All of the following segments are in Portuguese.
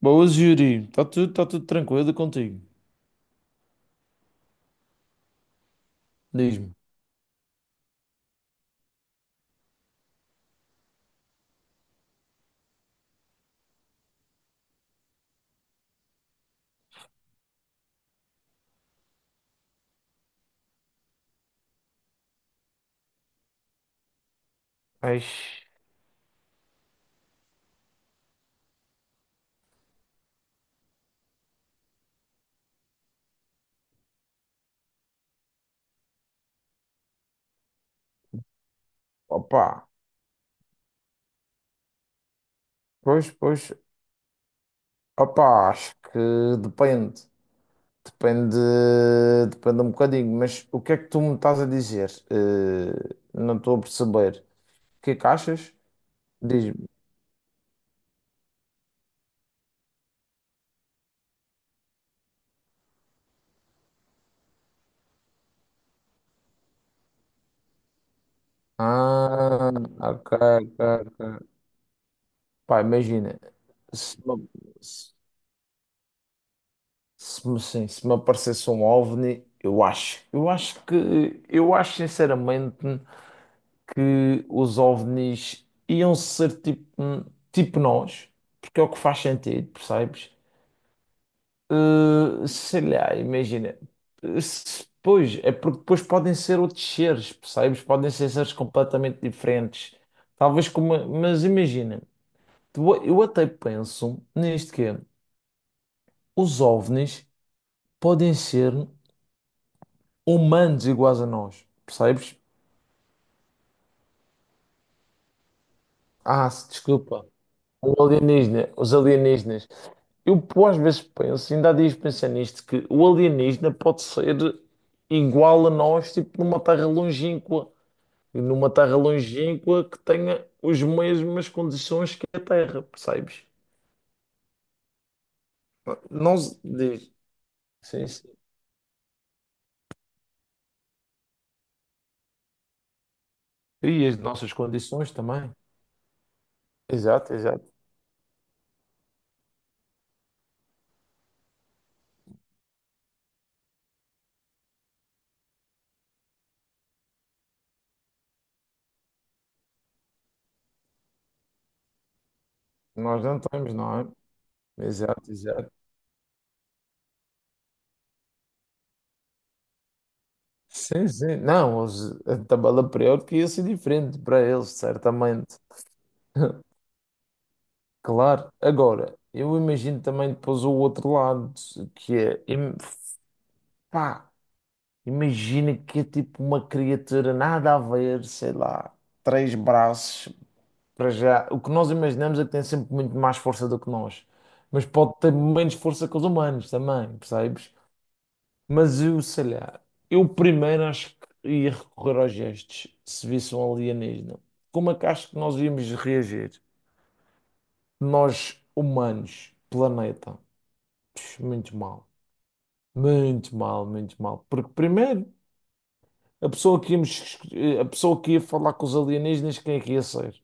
Boas, Yuri. Tá tudo tranquilo contigo? Diz-me. Ai, opa, pois, pois, opa, acho que depende, depende, depende um bocadinho, mas o que é que tu me estás a dizer? Não estou a perceber. O que é que achas? Diz-me. Ah, ok, ok, ok. Pá, imagina, se me, se, se me sim, se me aparecesse um OVNI. Eu acho sinceramente que os OVNIs iam ser tipo, tipo nós, porque é o que faz sentido, percebes? Sei lá, imagina. Pois, é porque depois podem ser outros seres, percebes? Podem ser seres completamente diferentes. Talvez como. Mas imagina, eu até penso nisto que é, os OVNIs podem ser humanos iguais a nós, percebes? Ah, desculpa. Um alienígena, os alienígenas. Eu, pô, às vezes penso, ainda há dias pensei nisto, que o alienígena pode ser igual a nós, tipo, numa terra longínqua. E numa terra longínqua que tenha as mesmas condições que a Terra, percebes? Não se diz, sim, sim. E as nossas condições também. Exato, exato. Nós não temos, não é? Exato, exato. Sim, sim. Não, os, a tabela periódica ia ser diferente para eles, certamente. Claro, agora, eu imagino também depois o outro lado, que é, pá, imagina que é tipo uma criatura nada a ver, sei lá, três braços. Para já, o que nós imaginamos é que tem sempre muito mais força do que nós, mas pode ter menos força que os humanos também, percebes? Mas eu, sei lá, eu primeiro acho que ia recorrer aos gestos, se visse um alienígena. Como é que acho que nós íamos reagir? Nós, humanos, planeta. Pux, muito mal. Muito mal, muito mal. Porque primeiro, a pessoa que íamos, a pessoa que ia falar com os alienígenas, quem é que ia ser?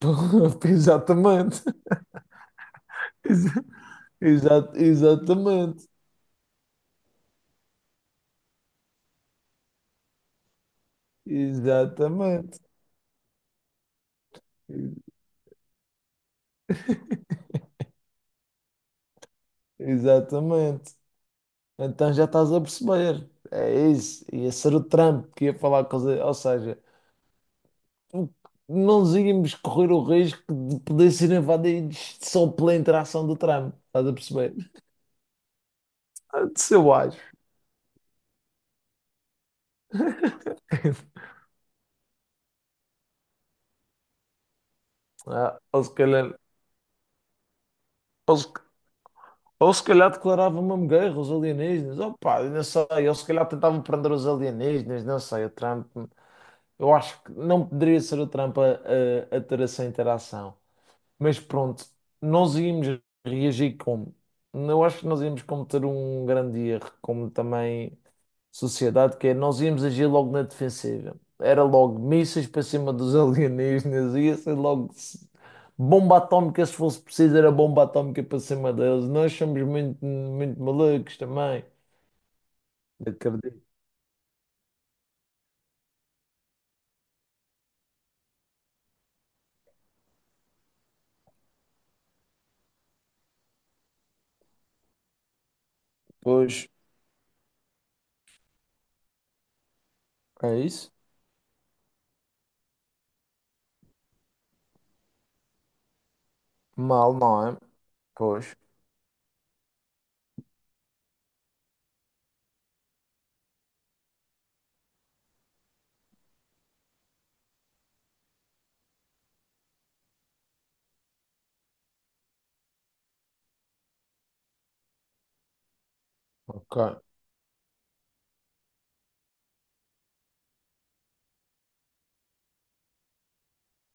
Exatamente. Exa- Exatamente. Exatamente. Exatamente. Então já estás a perceber. É isso. Ia ser o Trump que ia falar coisa. Ou seja, não nos íamos correr o risco de poder ser invadidos só pela interação do Trump. Estás a perceber? Isso eu acho. Ah, ou se, ou se calhar declarava uma guerra aos alienígenas. Opa, eu não sei. Ou se calhar tentavam prender os alienígenas. Não sei. O Trump, eu acho que não poderia ser o Trump a ter essa interação. Mas pronto, nós íamos reagir como? Eu acho que nós íamos cometer um grande erro, como também sociedade, que é nós íamos agir logo na defensiva. Era logo mísseis para cima dos alienígenas, ia ser logo s- bomba atómica, se fosse preciso, era bomba atómica para cima deles. Nós somos muito, muito malucos também. Acredito. Pois, é isso? Mal, não é? Pois. Ok.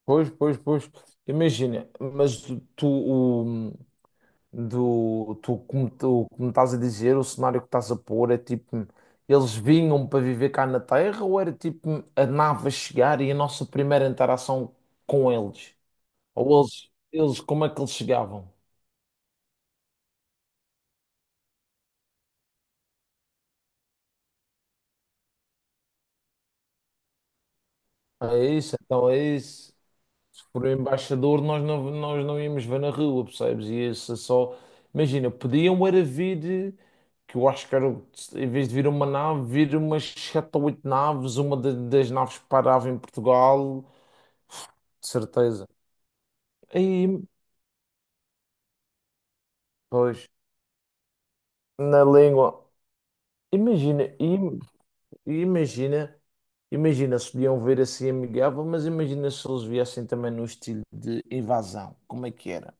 Pois, pois, pois. Imagina, mas tu, tu, o, do tu, como estás a dizer, o cenário que estás a pôr é tipo, eles vinham para viver cá na Terra ou era tipo a nave a chegar e a nossa primeira interação com eles? Ou eles como é que eles chegavam? É isso, então é isso. Por um embaixador nós não íamos ver na rua, percebes? E isso é só. Imagina, podiam era vir, que eu acho que era, em vez de vir uma nave, vir umas sete ou oito naves, das naves que parava em Portugal de certeza. E, pois. Na língua. Imagina, im- imagina, Imagina se podiam ver assim amigável, mas imagina se eles viessem também no estilo de invasão, como é que era?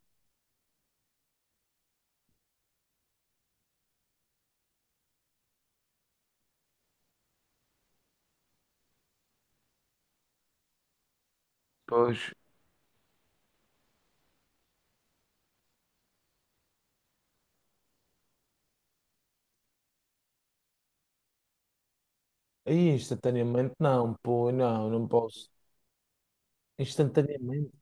Pois. Aí instantaneamente não, pô, não, não posso. Instantaneamente.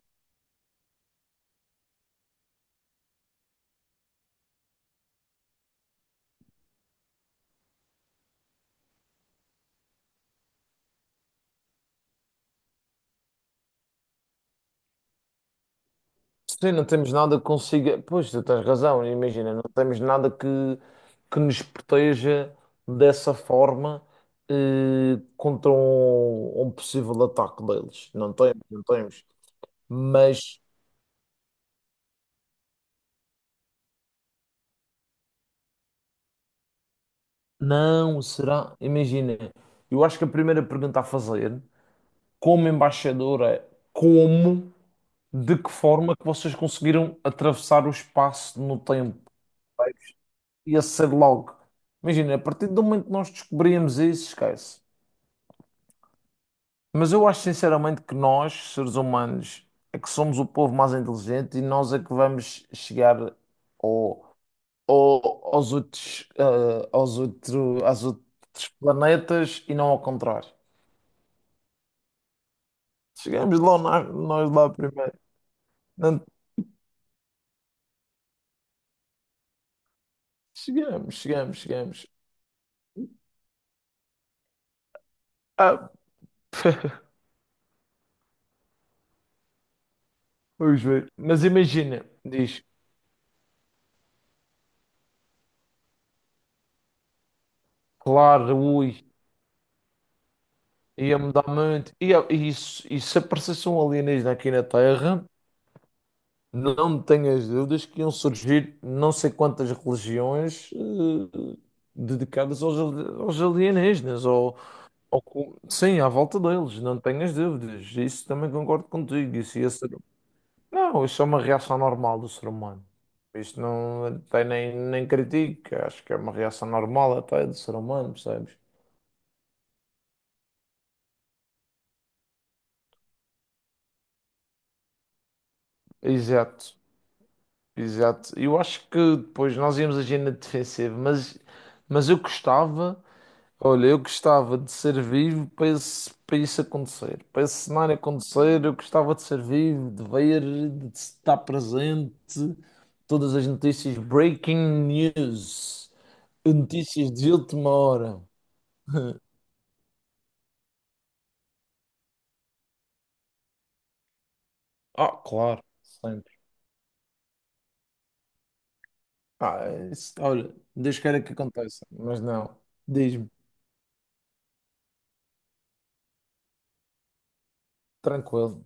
Sim, não temos nada que consiga. Pois, tu tens razão, imagina, não temos nada que nos proteja dessa forma, contra um possível ataque deles. Não temos, não temos. Mas não será. Imagina, eu acho que a primeira pergunta a fazer, como embaixador, é como, de que forma que vocês conseguiram atravessar o espaço no tempo? Ia ser logo. Imagina, a partir do momento que nós descobrimos isso, esquece. Mas eu acho sinceramente que nós, seres humanos, é que somos o povo mais inteligente e nós é que vamos chegar ao, ao- aos outros, eh, aos outro, aos outros planetas e não ao contrário. Chegamos lá, nós lá primeiro. Não- Chegamos, chegamos, chegamos. Ah, vamos ver. Mas imagina, diz, claro, ui, ia mudar muito. E se aparecesse um alienígena aqui na Terra? Não tenhas dúvidas que iam surgir não sei quantas religiões, dedicadas aos alienígenas, sim, à volta deles, não tenhas dúvidas. Isso também concordo contigo. Isso ia ser... Não, isso é uma reação normal do ser humano. Isto não tem, nem critica, acho que é uma reação normal até do ser humano, percebes? Exato, exato. Eu acho que depois nós íamos agir na defensiva, mas eu gostava. Olha, eu gostava de ser vivo para isso acontecer. Para esse cenário acontecer, eu gostava de ser vivo, de ver, de estar presente. Todas as notícias, breaking news, notícias de última hora. Ah, claro, sempre. Ah, é isso, olha, Deus queira que aconteça, mas não. Diz-me, tranquilo.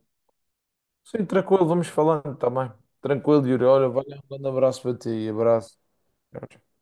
Sim, tranquilo, vamos falando também. Tranquilo, Yuri. Olha, valeu, um grande abraço para ti. Abraço. Tchau, tchau.